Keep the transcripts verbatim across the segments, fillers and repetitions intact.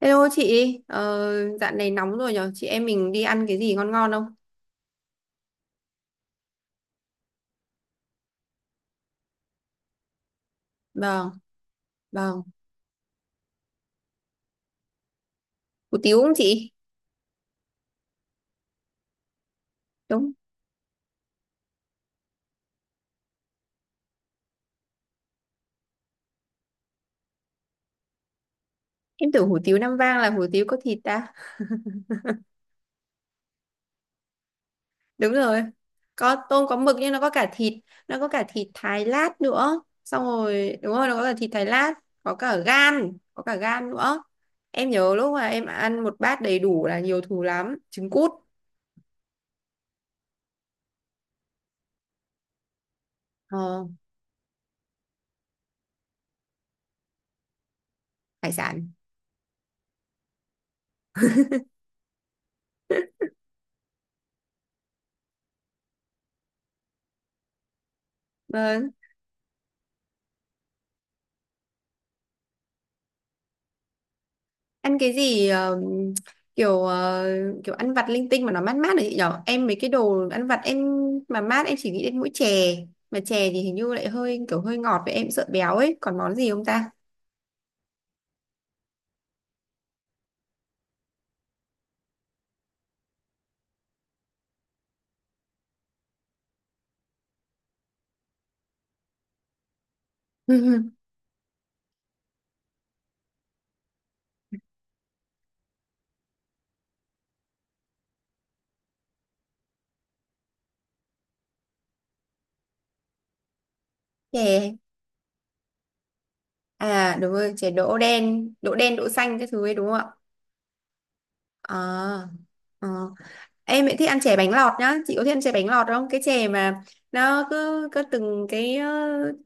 Hello chị, ờ, dạo này nóng rồi nhở, chị em mình đi ăn cái gì ngon ngon không? Vâng, vâng, hủ tiếu không chị? Đúng, em tưởng hủ tiếu Nam Vang là hủ tiếu có thịt ta. Đúng rồi, có tôm có mực nhưng nó có cả thịt, nó có cả thịt thái lát nữa. Xong rồi, đúng rồi, nó có cả thịt thái lát, có cả gan, có cả gan nữa. Em nhớ lúc mà em ăn một bát đầy đủ là nhiều thù lắm, trứng cút, ờ, hải sản. Vâng. Ăn cái gì ờ, kiểu ờ, kiểu ăn vặt linh tinh mà nó mát mát đấy chị nhở, em mấy cái đồ ăn vặt em mà mát em chỉ nghĩ đến mỗi chè, mà chè thì hình như lại hơi kiểu hơi ngọt với em sợ béo ấy, còn món gì không ta. Chè, à đúng rồi, chè đỗ đen, đỗ đen đỗ xanh cái thứ ấy đúng không ạ? À, à. Em lại thích ăn chè bánh lọt nhá, chị có thích ăn chè bánh lọt không? Cái chè mà nó cứ cứ từng cái ờ,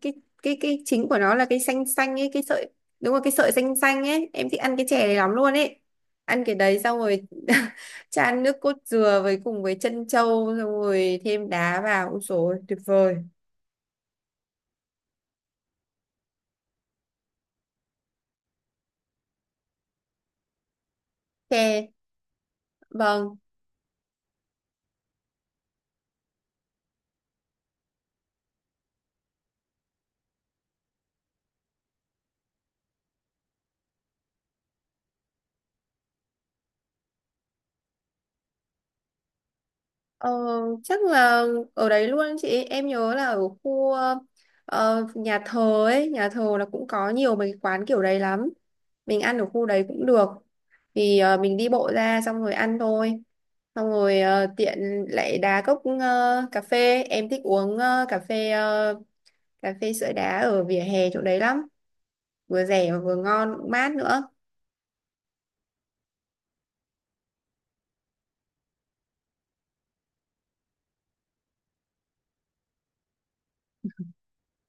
cái cái cái chính của nó là cái xanh xanh ấy, cái sợi, đúng rồi cái sợi xanh xanh ấy, em thích ăn cái chè này lắm luôn ấy. Ăn cái đấy xong rồi chan nước cốt dừa với cùng với trân châu xong rồi thêm đá vào, ôi dồi, tuyệt vời. Chè, vâng. Ờ, chắc là ở đấy luôn chị, em nhớ là ở khu ờ, nhà thờ ấy, nhà thờ là cũng có nhiều mấy cái quán kiểu đấy lắm. Mình ăn ở khu đấy cũng được, thì ờ, mình đi bộ ra xong rồi ăn thôi, xong rồi ờ, tiện lại đá cốc ờ, cà phê, em thích uống ờ, cà phê ờ, cà phê sữa đá ở vỉa hè chỗ đấy lắm, vừa rẻ mà vừa ngon cũng mát nữa.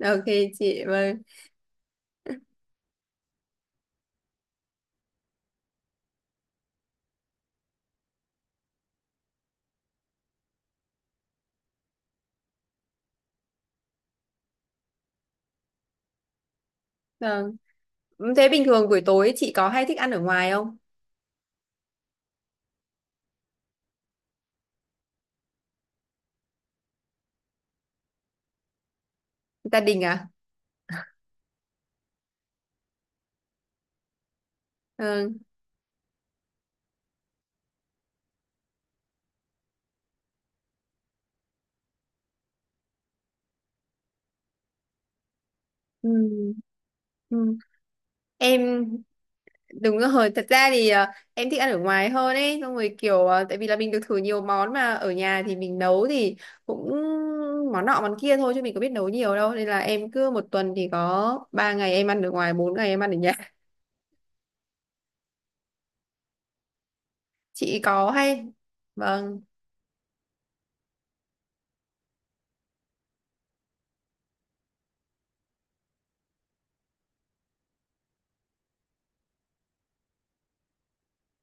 Ok chị, vâng vâng. Ừ, thế bình thường buổi tối chị có hay thích ăn ở ngoài không? Gia đình à? Ừ. Ừ. Ừ. Em, đúng rồi, thật ra thì ờ, em thích ăn ở ngoài hơn ấy, xong rồi kiểu ờ, tại vì là mình được thử nhiều món, mà ở nhà thì mình nấu thì cũng món nọ món kia thôi chứ mình có biết nấu nhiều đâu, nên là em cứ một tuần thì có ba ngày em ăn ở ngoài, bốn ngày em ăn ở nhà. Chị có hay. Vâng.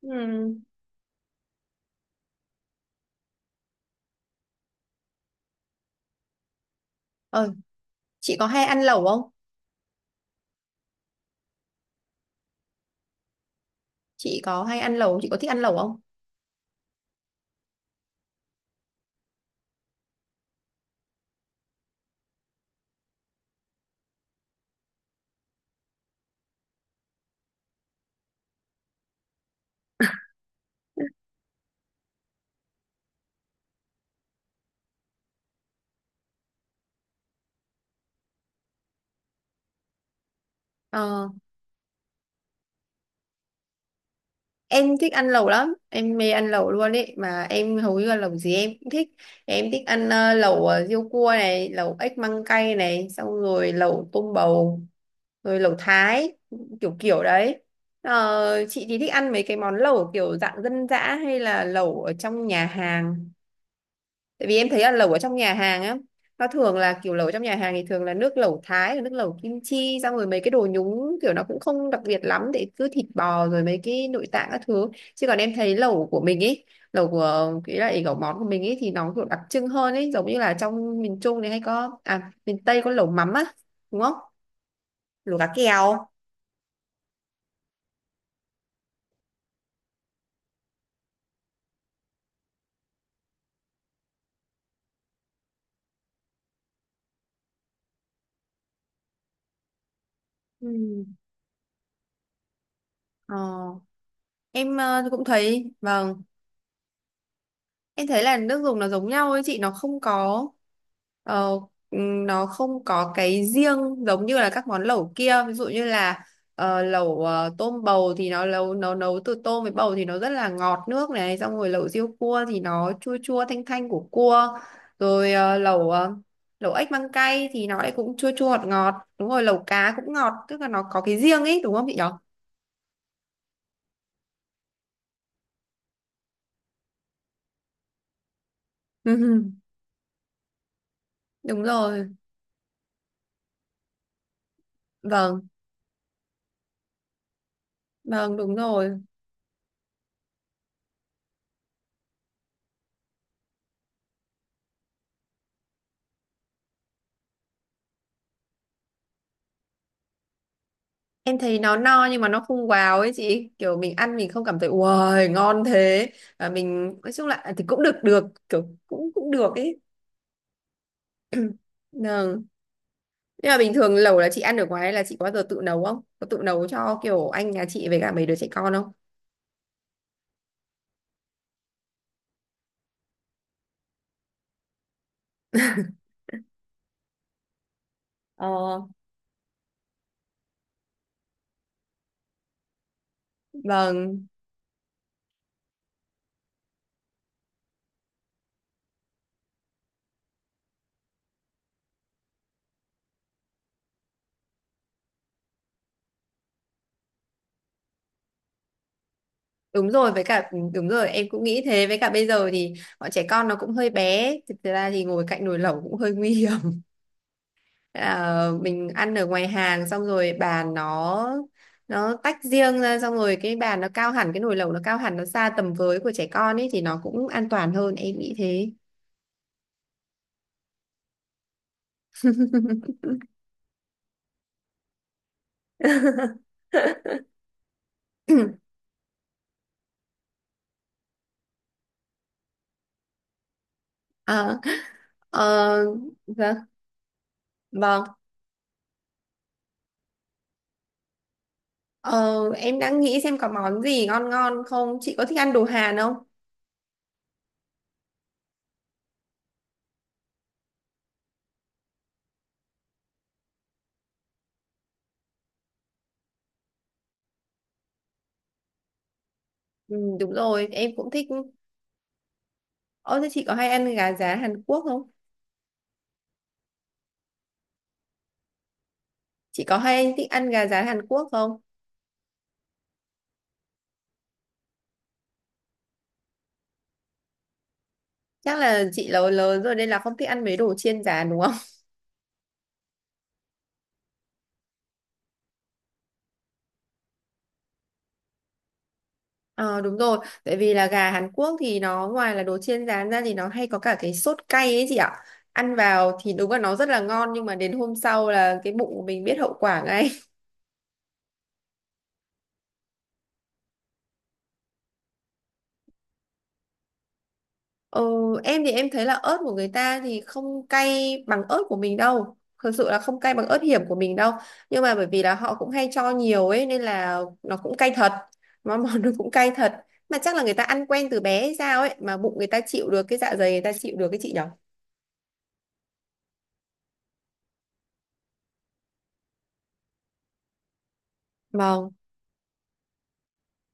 Ừ. Ờ, chị có hay ăn lẩu không? Chị có hay ăn lẩu, chị có thích ăn lẩu không? Ờ. Em thích ăn lẩu lắm, em mê ăn lẩu luôn ấy, mà em hầu như là lẩu gì em cũng thích. Em thích ăn ờ, lẩu ờ, riêu cua này, lẩu ếch măng cay này, xong rồi lẩu tôm bầu, rồi lẩu thái, kiểu kiểu đấy. Ờ, chị thì thích ăn mấy cái món lẩu kiểu dạng dân dã hay là lẩu ở trong nhà hàng? Tại vì em thấy là lẩu ở trong nhà hàng á, nó thường là kiểu lẩu trong nhà hàng thì thường là nước lẩu Thái, rồi nước lẩu kim chi, xong rồi mấy cái đồ nhúng kiểu nó cũng không đặc biệt lắm, để cứ thịt bò rồi mấy cái nội tạng các thứ. Chứ còn em thấy lẩu của mình ấy, lẩu của cái lại lẩu món của mình ấy thì nó kiểu đặc trưng hơn ấy, giống như là trong miền Trung này hay có, à miền Tây có lẩu mắm á, đúng không? Lẩu cá kèo. Ừ. Ờ, em ờ, cũng thấy vâng. Em thấy là nước dùng nó giống nhau ấy chị, nó không có ờ, ừm, nó không có cái riêng, giống như là các món lẩu kia, ví dụ như là ờ, lẩu ờ, tôm bầu thì nó nấu nấu nấu từ tôm với bầu thì nó rất là ngọt nước này, xong rồi lẩu riêu cua thì nó chua chua thanh thanh của cua, rồi ờ, lẩu ờ, lẩu ếch măng cay thì nó lại cũng chua chua ngọt ngọt, đúng rồi lẩu cá cũng ngọt, tức là nó có cái riêng ấy đúng không chị nhỉ? Đúng rồi, vâng, vâng đúng rồi. Em thấy nó no nhưng mà nó không wow ấy chị, kiểu mình ăn mình không cảm thấy wow ngon thế. Và mình nói chung là à, thì cũng được được, kiểu cũng cũng được ấy. Vâng. Nhưng mà bình thường lẩu là chị ăn ở ngoài, hay là chị có bao giờ tự nấu không? Có tự nấu cho kiểu anh nhà chị với cả mấy đứa trẻ con không? Ờ, vâng, đúng rồi, với cả đúng rồi em cũng nghĩ thế, với cả bây giờ thì bọn trẻ con nó cũng hơi bé, thực ra thì ngồi cạnh nồi lẩu cũng hơi nguy hiểm. Ờ, mình ăn ở ngoài hàng xong rồi bàn nó nó tách riêng ra xong rồi cái bàn nó cao hẳn, cái nồi lẩu nó cao hẳn, nó xa tầm với của trẻ con ấy thì nó cũng an toàn hơn em nghĩ thế. Ờ, ờ, dạ, vâng. Ờ, em đang nghĩ xem có món gì ngon ngon không, chị có thích ăn đồ Hàn không? Ừ, đúng rồi em cũng thích. Ơ thế chị có hay ăn gà rán Hàn Quốc không? Chị có hay thích ăn gà rán Hàn Quốc không? Chắc là chị lớn lớn rồi nên là không thích ăn mấy đồ chiên rán đúng không? Ờ đúng rồi, tại vì là gà Hàn Quốc thì nó ngoài là đồ chiên rán ra thì nó hay có cả cái sốt cay ấy chị ạ. Ăn vào thì đúng là nó rất là ngon, nhưng mà đến hôm sau là cái bụng của mình biết hậu quả ngay. Ờ, em thì em thấy là ớt của người ta thì không cay bằng ớt của mình đâu. Thực sự là không cay bằng ớt hiểm của mình đâu. Nhưng mà bởi vì là họ cũng hay cho nhiều ấy nên là nó cũng cay thật. Mà món nó cũng cay thật. Mà chắc là người ta ăn quen từ bé hay sao ấy, mà bụng người ta chịu được, cái dạ dày người ta chịu được, cái chị nhở. Vâng,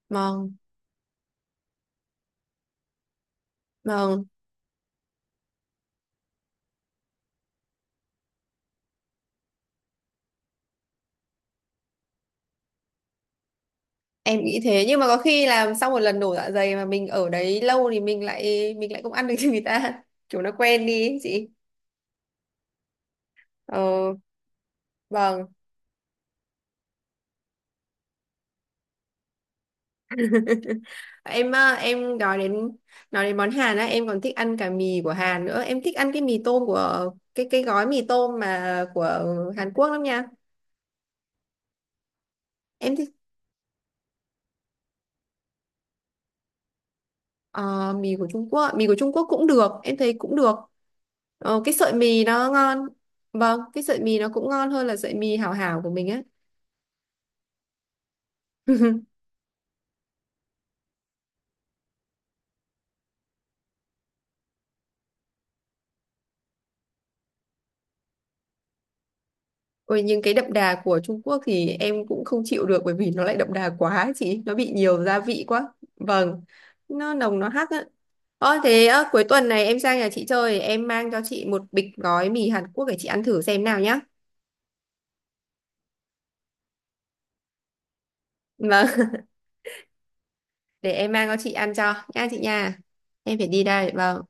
vâng, vâng. Em nghĩ thế, nhưng mà có khi làm sau một lần nổ dạ dày mà mình ở đấy lâu thì mình lại mình lại không ăn được như người ta. Chúng nó quen đi ấy, chị. Ờ, vâng. Em ờ, em nói đến nói đến món Hàn á, em còn thích ăn cả mì của Hàn nữa, em thích ăn cái mì tôm của cái cái gói mì tôm mà của Hàn Quốc lắm nha. Em thích ờ, mì của Trung Quốc mì của Trung Quốc cũng được, em thấy cũng được. Ờ, cái sợi mì nó ngon. Vâng, cái sợi mì nó cũng ngon hơn là sợi mì hảo hảo của mình á. Ôi, nhưng cái đậm đà của Trung Quốc thì em cũng không chịu được, bởi vì nó lại đậm đà quá ấy chị, nó bị nhiều gia vị quá, vâng, nó nồng nó hắc á. Ơ thế ơ, cuối tuần này em sang nhà chị chơi em mang cho chị một bịch gói mì Hàn Quốc để chị ăn thử xem nào nhá. Vâng. Để em mang cho chị ăn cho nha chị nha. Em phải đi đây vâng.